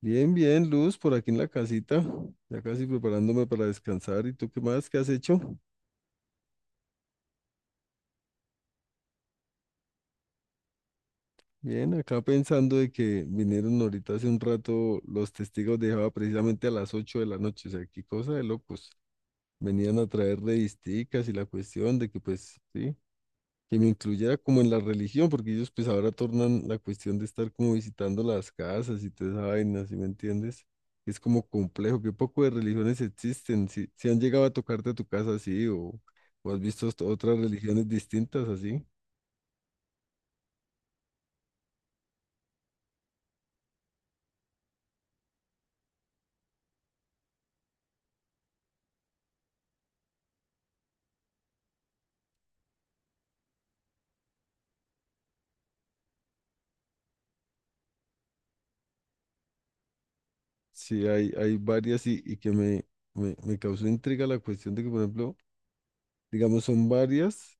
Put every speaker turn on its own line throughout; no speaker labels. Bien, bien, Luz, por aquí en la casita, ya casi preparándome para descansar. ¿Y tú qué más? ¿Qué has hecho? Bien, acá pensando de que vinieron ahorita hace un rato los testigos de Jehová precisamente a las 8 de la noche, o sea, qué cosa de locos. Venían a traer revisticas y la cuestión de que pues sí, que me incluyera como en la religión, porque ellos pues ahora tornan la cuestión de estar como visitando las casas y toda esa vaina, ¿sí me entiendes? Es como complejo, qué poco de religiones existen, si han llegado a tocarte a tu casa así o has visto hasta otras religiones distintas así, sí hay varias y que me causó intriga la cuestión de que, por ejemplo, digamos, son varias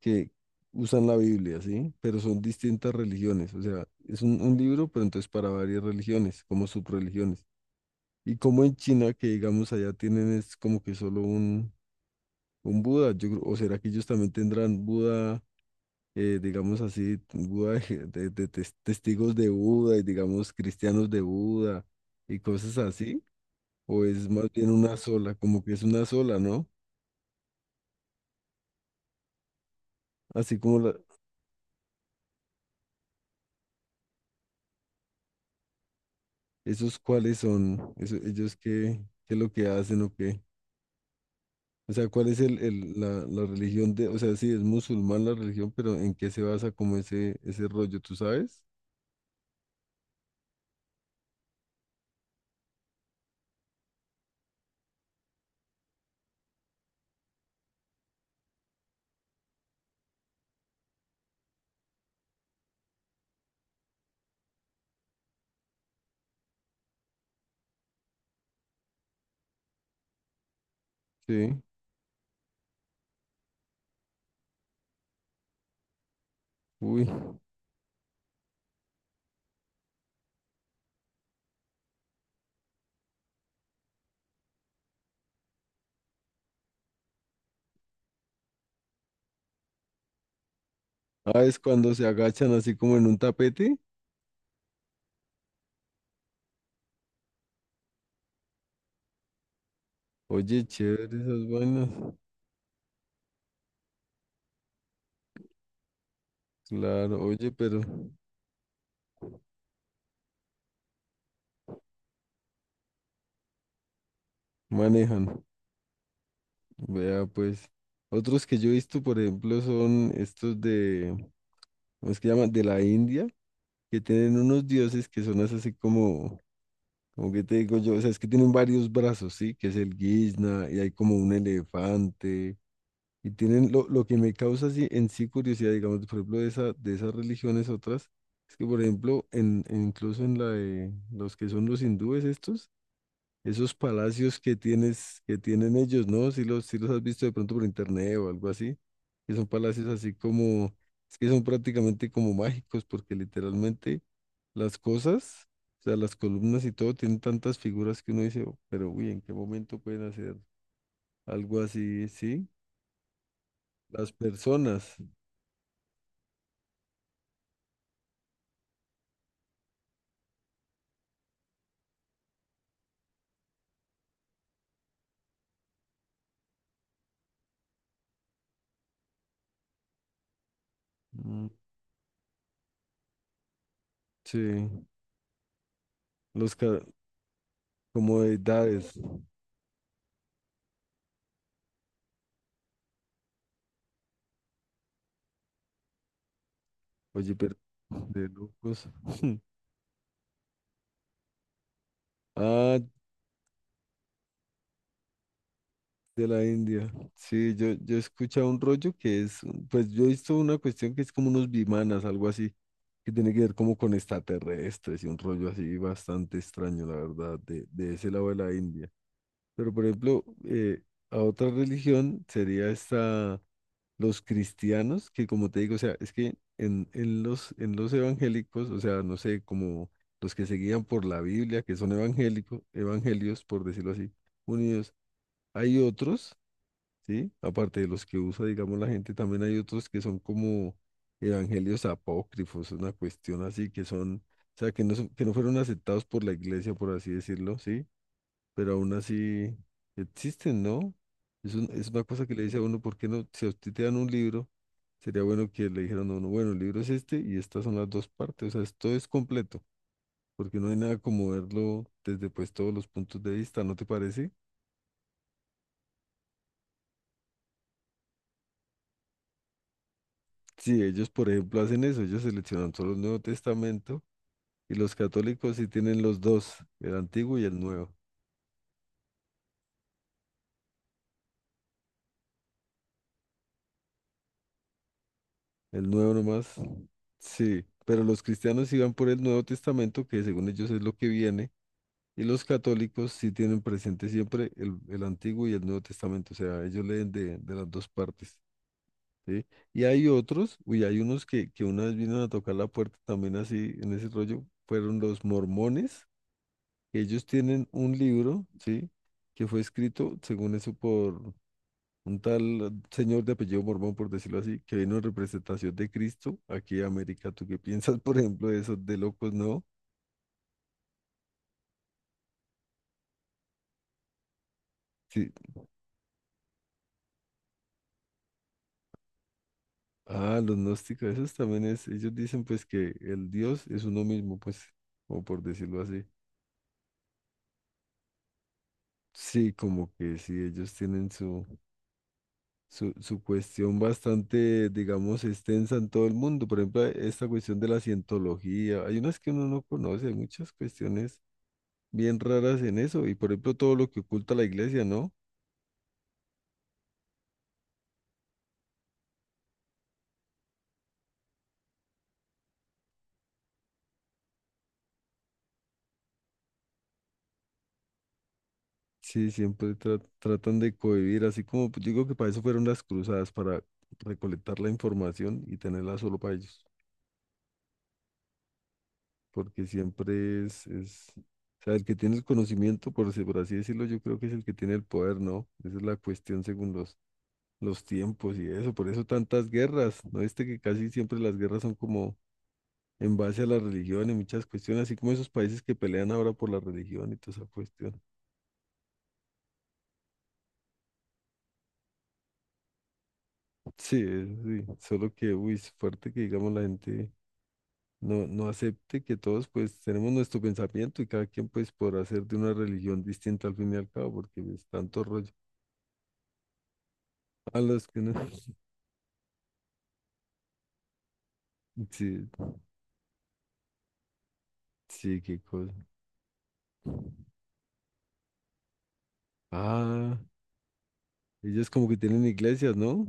que usan la Biblia, ¿sí? Pero son distintas religiones, o sea, es un libro, pero entonces para varias religiones, como subreligiones. Y como en China, que digamos allá tienen es como que solo un Buda, o será que ellos también tendrán Buda, digamos así, Buda de testigos de Buda y digamos cristianos de Buda y cosas así, o es más bien una sola, como que es una sola, ¿no? Así como la- esos cuáles son, eso- ellos qué, qué es lo que hacen o qué. O sea, ¿cuál es la, la religión de, o sea, sí, es musulmán la religión, pero ¿en qué se basa como ese rollo, tú sabes? Sí. Uy, ah, es cuando se agachan así como en un tapete. Oye, chévere esas vainas. Claro, oye, pero manejan. Vea, pues. Otros que yo he visto, por ejemplo, son estos de, ¿cómo es que llaman? De la India, que tienen unos dioses que son así como, como que te digo yo, o sea, es que tienen varios brazos, ¿sí? Que es el guisna y hay como un elefante. Y tienen lo que me causa así en sí curiosidad, digamos, por ejemplo, de esa, de esas religiones otras, es que, por ejemplo, incluso en la de los que son los hindúes estos, esos palacios que tienes, que tienen ellos, ¿no? Si los, si los has visto de pronto por internet o algo así, que son palacios así como, es que son prácticamente como mágicos, porque literalmente las cosas, o sea, las columnas y todo, tienen tantas figuras que uno dice, "Oh, pero uy, ¿en qué momento pueden hacer algo así? Sí, las personas. Mm, sí, los ca- como de oye, pero de locos. Ah, de la India. Sí, yo he escuchado un rollo que es, pues yo he visto una cuestión que es como unos bimanas, algo así, que tiene que ver como con extraterrestres y un rollo así bastante extraño, la verdad, de ese lado de la India. Pero por ejemplo, a otra religión sería esta, los cristianos, que como te digo, o sea, es que en los evangélicos, o sea, no sé, como los que se guían por la Biblia, que son evangélicos, evangelios, por decirlo así, unidos, hay otros, ¿sí? Aparte de los que usa, digamos, la gente, también hay otros que son como evangelios apócrifos, una cuestión así, que son, o sea, que no, son- que no fueron aceptados por la iglesia, por así decirlo, ¿sí? Pero aún así existen, ¿no? Es, un- es una cosa que le dice a uno, ¿por qué no? Si a usted te dan un libro, sería bueno que le dijeran a uno, bueno, el libro es este y estas son las dos partes, o sea, esto es completo, porque no hay nada como verlo desde pues todos los puntos de vista, ¿no te parece? Sí, ellos, por ejemplo, hacen eso, ellos seleccionan solo el Nuevo Testamento y los católicos sí tienen los dos, el Antiguo y el Nuevo nomás, sí, pero los cristianos sí van por el Nuevo Testamento, que según ellos es lo que viene. Y los católicos sí tienen presente siempre el Antiguo y el Nuevo Testamento, o sea, ellos leen de las dos partes, ¿sí? Y hay otros, uy, hay unos que una vez vinieron a tocar la puerta también así, en ese rollo, fueron los mormones, que ellos tienen un libro, ¿sí? Que fue escrito, según eso, por un tal señor de apellido Mormón, por decirlo así, que vino en representación de Cristo aquí a América. ¿Tú qué piensas, por ejemplo, de esos de locos, no? Sí. Ah, los gnósticos, esos también es, ellos dicen pues que el Dios es uno mismo, pues, o por decirlo así. Sí, como que sí, ellos tienen su, su cuestión bastante, digamos, extensa en todo el mundo. Por ejemplo, esta cuestión de la cientología, hay unas que uno no conoce, hay muchas cuestiones bien raras en eso, y por ejemplo todo lo que oculta la iglesia, ¿no? Sí, siempre tratan de cohibir, así como pues, yo digo que para eso fueron las cruzadas, para recolectar la información y tenerla solo para ellos. Porque siempre es, o sea, el que tiene el conocimiento, por así decirlo, yo creo que es el que tiene el poder, ¿no? Esa es la cuestión según los tiempos y eso, por eso tantas guerras, ¿no viste que casi siempre las guerras son como en base a la religión y muchas cuestiones, así como esos países que pelean ahora por la religión y toda esa cuestión. Sí, eso sí, solo que, uy, es fuerte que digamos la gente... No, no acepte que todos pues tenemos nuestro pensamiento y cada quien pues podrá hacer de una religión distinta al fin y al cabo, porque es tanto rollo. A los que no. Sí, sí, qué cosa. Ah, ellos como que tienen iglesias, ¿no?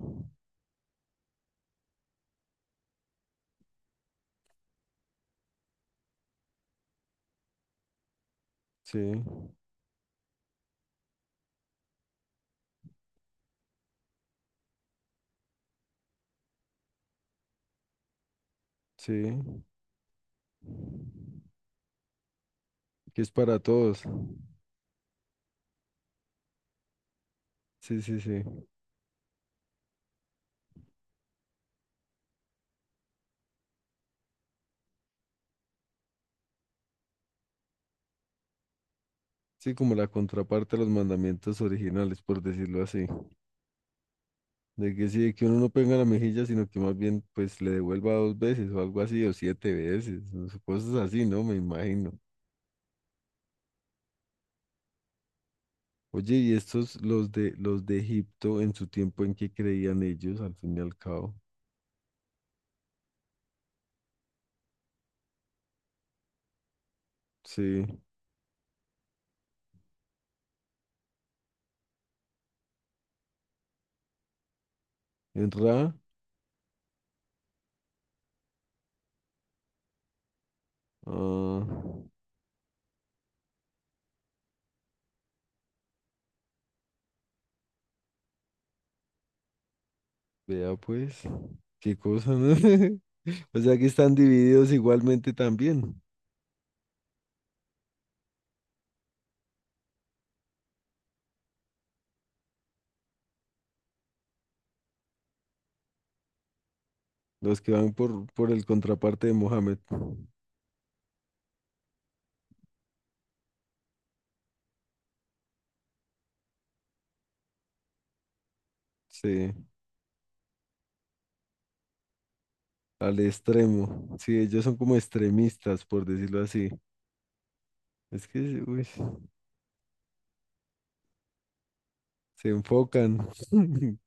Sí, sí, que es para todos. Sí, sí, sí. Sí, como la contraparte a los mandamientos originales, por decirlo así. De que sí, de que uno no pega la mejilla, sino que más bien pues le devuelva dos veces o algo así, o siete veces, o sea, cosas así, ¿no? Me imagino. Oye, ¿y estos los de Egipto en su tiempo en que creían ellos, al fin y al cabo? Sí. ¿En Ra? Ah, vea pues, qué cosa, ¿no? O sea que están divididos igualmente también, los que van por el contraparte de Mohamed, sí, al extremo, sí, ellos son como extremistas, por decirlo así. Es que, uy, se enfocan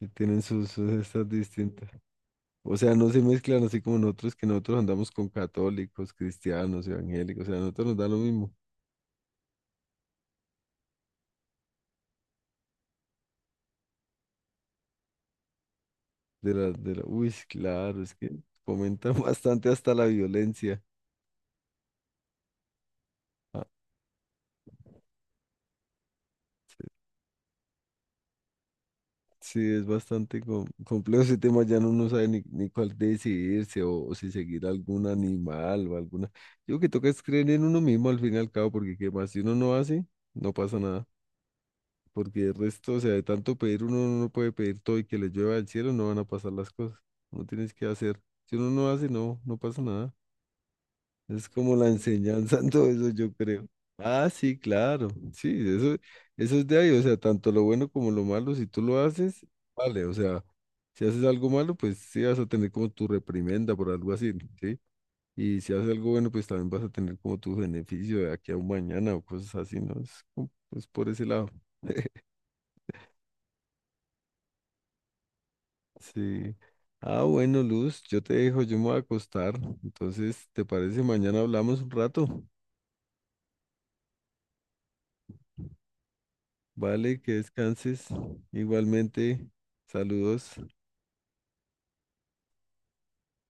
y tienen sus, sus estas distintas. O sea, no se mezclan así como nosotros, que nosotros andamos con católicos, cristianos, evangélicos, o sea, a nosotros nos da lo mismo. De la, Uy, sí, claro, es que comentan bastante hasta la violencia. Ah, sí, es bastante complejo ese tema, ya no uno no sabe ni cuál decidirse o si seguir algún animal o alguna. Yo que toca es creer en uno mismo al fin y al cabo, porque qué más, si uno no hace, no pasa nada. Porque el resto, o sea, de tanto pedir uno no puede pedir todo y que le llueva del cielo, no van a pasar las cosas. No tienes que hacer. Si uno no hace, no pasa nada. Es como la enseñanza en todo eso, yo creo. Ah, sí, claro. Sí, eso es de ahí. O sea, tanto lo bueno como lo malo, si tú lo haces, vale. O sea, si haces algo malo, pues sí vas a tener como tu reprimenda por algo así, ¿sí? Y si haces algo bueno, pues también vas a tener como tu beneficio de aquí a un mañana o cosas así, ¿no? Es, como- es por ese lado. Sí. Ah, bueno, Luz, yo te dejo, yo me voy a acostar. Entonces, ¿te parece? Mañana hablamos un rato. Vale, que descanses. Igualmente, saludos.